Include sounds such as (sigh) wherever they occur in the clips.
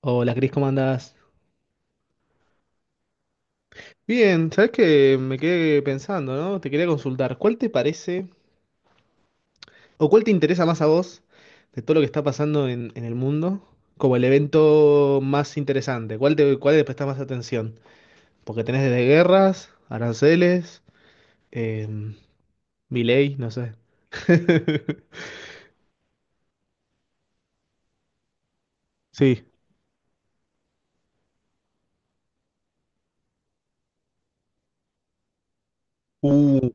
Hola, Cris, ¿cómo andás? Bien, sabes que me quedé pensando, ¿no? Te quería consultar, ¿cuál te parece o cuál te interesa más a vos de todo lo que está pasando en el mundo como el evento más interesante? ¿Cuál le prestás más atención? Porque tenés desde guerras, aranceles, em, Milei, no sé. (laughs) Sí. Uh,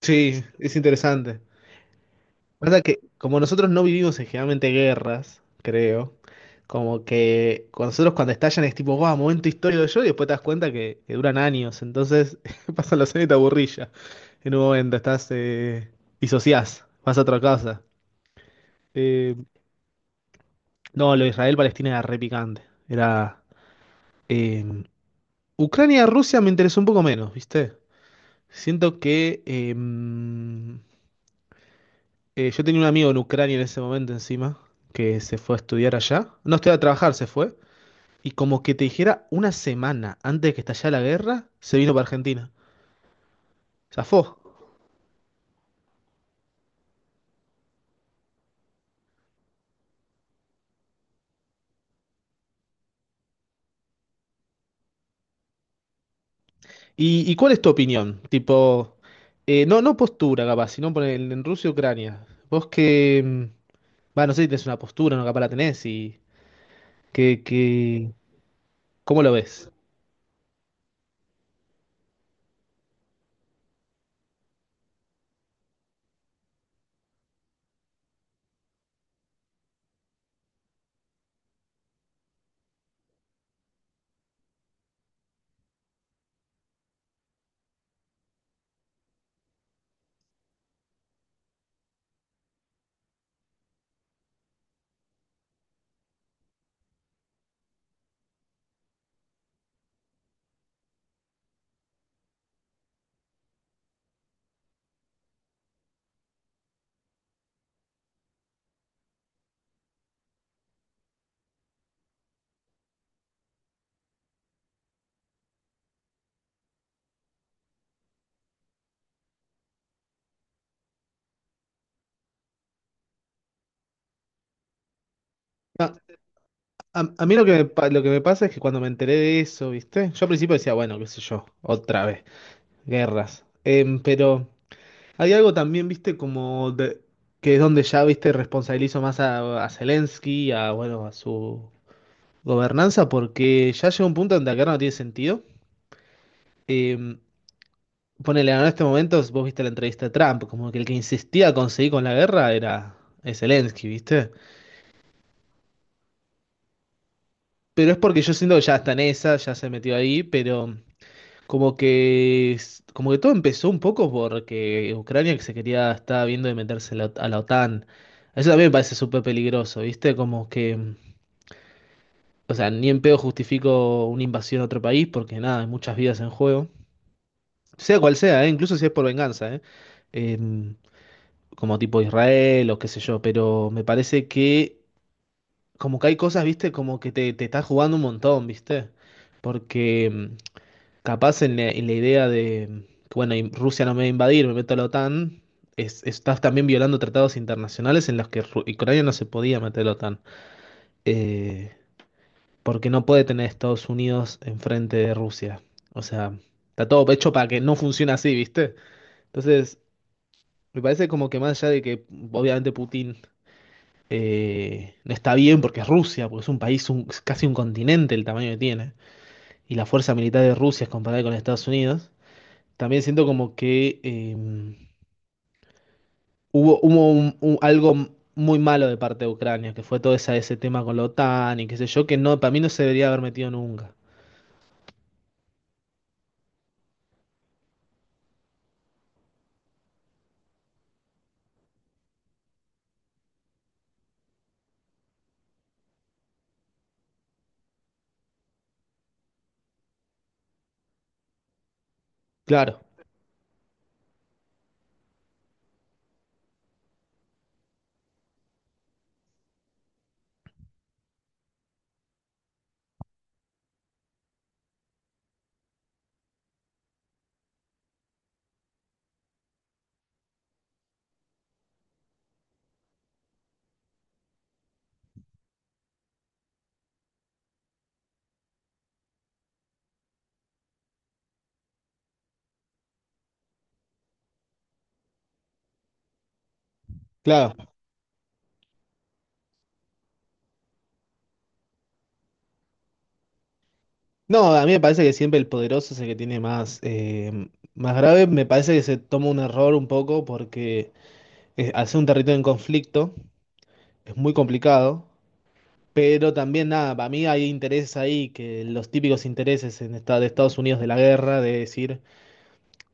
sí, es interesante. Pasa que como nosotros no vivimos en generalmente guerras, creo, como que con nosotros cuando estallan es tipo, guau, momento histórico de yo, y después te das cuenta que duran años, entonces (laughs) pasan los años y te aburrís ya. En un momento estás, disociás, vas a otra casa. Eh, no, lo de Israel-Palestina era re picante. Era... eh, Ucrania-Rusia me interesó un poco menos, ¿viste? Siento que... eh, yo tenía un amigo en Ucrania en ese momento encima, que se fue a estudiar allá. No estudiar a trabajar, se fue. Y como que te dijera, una semana antes de que estallara la guerra, se vino para Argentina. Zafó. Y cuál es tu opinión? Tipo, no, postura capaz, sino en Rusia y Ucrania. Vos que, va, no sé si tenés una postura, no capaz la tenés y que, que, ¿cómo lo ves? A, a mí lo que me pasa es que cuando me enteré de eso, ¿viste? Yo al principio decía, bueno, qué sé yo, otra vez. Guerras. Em, pero hay algo también, viste, que es donde ya, viste, responsabilizo más a Zelensky, a, bueno, a su gobernanza, porque ya llega un punto donde acá no tiene sentido. Em, Ponele, en este momento, vos viste la entrevista de Trump, como que el que insistía a conseguir con la guerra era es Zelensky, viste. Pero es porque yo siento que ya está en esa, ya se metió ahí, pero... Como que todo empezó un poco porque Ucrania que se quería, estaba viendo de meterse a la OTAN. Eso también me parece súper peligroso, ¿viste? Como que, o sea, ni en pedo justifico una invasión a otro país porque nada, hay muchas vidas en juego. Sea cual sea, ¿eh? Incluso si es por venganza, ¿eh? Em, Como tipo Israel o qué sé yo, pero me parece que como que hay cosas, ¿viste? Como que te estás jugando un montón, ¿viste? Porque... mm, Capaz en la idea de, que, bueno, Rusia no me va a invadir, me meto a la OTAN, estás también violando tratados internacionales en los que Ucrania no se podía meter a la OTAN, eh, porque no puede tener a Estados Unidos enfrente de Rusia. O sea, está todo hecho para que no funcione así, ¿viste? Entonces, me parece como que más allá de que obviamente Putin no está bien porque es Rusia, porque es un país, es casi un continente el tamaño que tiene, y la fuerza militar de Rusia es comparada con Estados Unidos. También siento como que hubo algo muy malo de parte de Ucrania, que fue todo esa, ese tema con la OTAN y qué sé yo, que no, para mí no se debería haber metido nunca. Claro, claro. No, a mí me parece que siempre el poderoso es el que tiene más, más grave. Me parece que se toma un error un poco porque al ser un territorio en conflicto es muy complicado. Pero también nada, para mí hay intereses ahí, que los típicos intereses en de Estados Unidos de la guerra, de decir,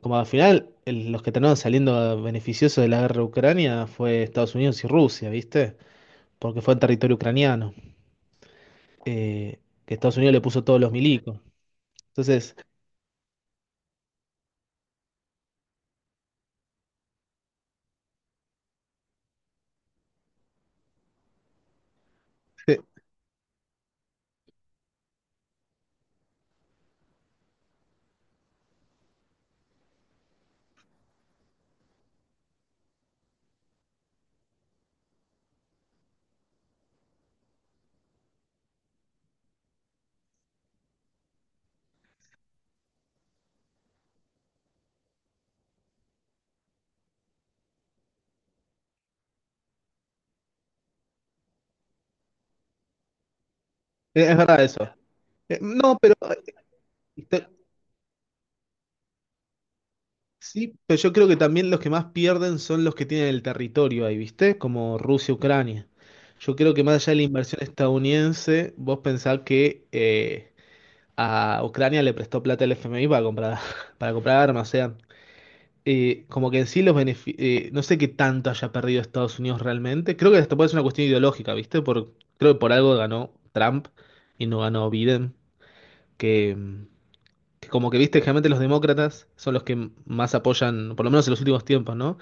como al final, los que terminaron saliendo beneficiosos de la guerra de Ucrania fue Estados Unidos y Rusia, ¿viste? Porque fue en territorio ucraniano, eh, que Estados Unidos le puso todos los milicos. Entonces, eh, es verdad eso. No, pero te- Sí, pero yo creo que también los que más pierden son los que tienen el territorio ahí, ¿viste? Como Rusia, Ucrania. Yo creo que más allá de la inversión estadounidense, vos pensás que a Ucrania le prestó plata el FMI para comprar, (laughs) para comprar armas, o sea. Como que en sí no sé qué tanto haya perdido Estados Unidos realmente. Creo que hasta puede ser una cuestión ideológica, ¿viste? Por, creo que por algo ganó Trump y no ganó Biden, que, mm, que como que, viste, generalmente los demócratas son los que más apoyan, por lo menos en los últimos tiempos, ¿no?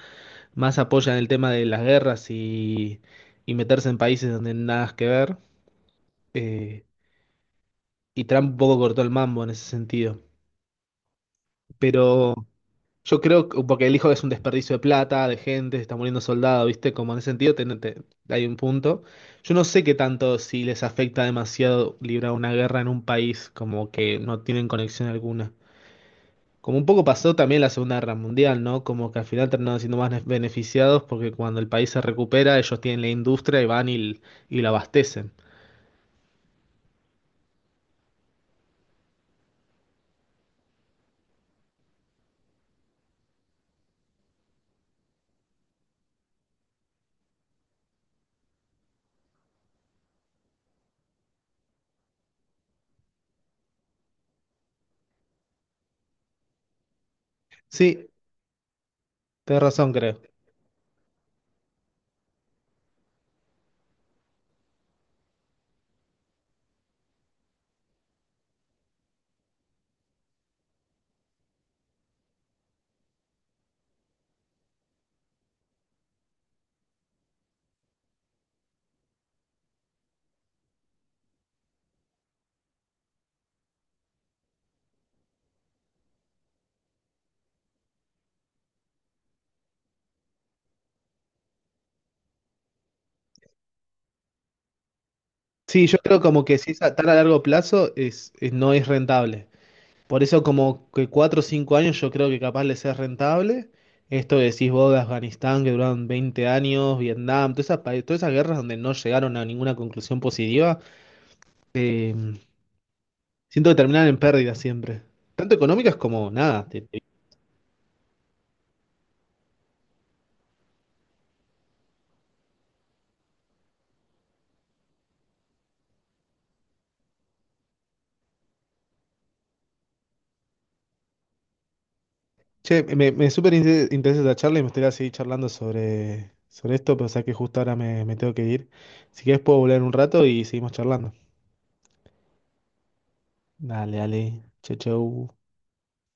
Más apoyan el tema de las guerras y meterse en países donde nada que ver. eh, y Trump un poco cortó el mambo en ese sentido. Pero... Yo creo, porque el hijo es un desperdicio de plata, de gente, se está muriendo soldado, ¿viste? Como en ese sentido hay un punto. Yo no sé qué tanto si les afecta demasiado librar una guerra en un país, como que no tienen conexión alguna. Como un poco pasó también la Segunda Guerra Mundial, ¿no? Como que al final terminaron siendo más beneficiados porque cuando el país se recupera, ellos tienen la industria y van y la abastecen. Sí, tenés razón, creo. Sí, yo creo como que si es a tan a largo plazo, no es rentable. Por eso como que 4 o 5 años yo creo que capaz les es rentable. Esto que decís vos de Afganistán, que duraron 20 años, Vietnam, todas esas, todas esas guerras donde no llegaron a ninguna conclusión positiva, eh, siento que terminan en pérdidas siempre. Tanto económicas como nada. Che, me súper interesa esta charla y me gustaría seguir charlando sobre esto, pero sé que justo ahora me tengo que ir. Si querés puedo volver un rato y seguimos charlando. Dale. Chau, chau.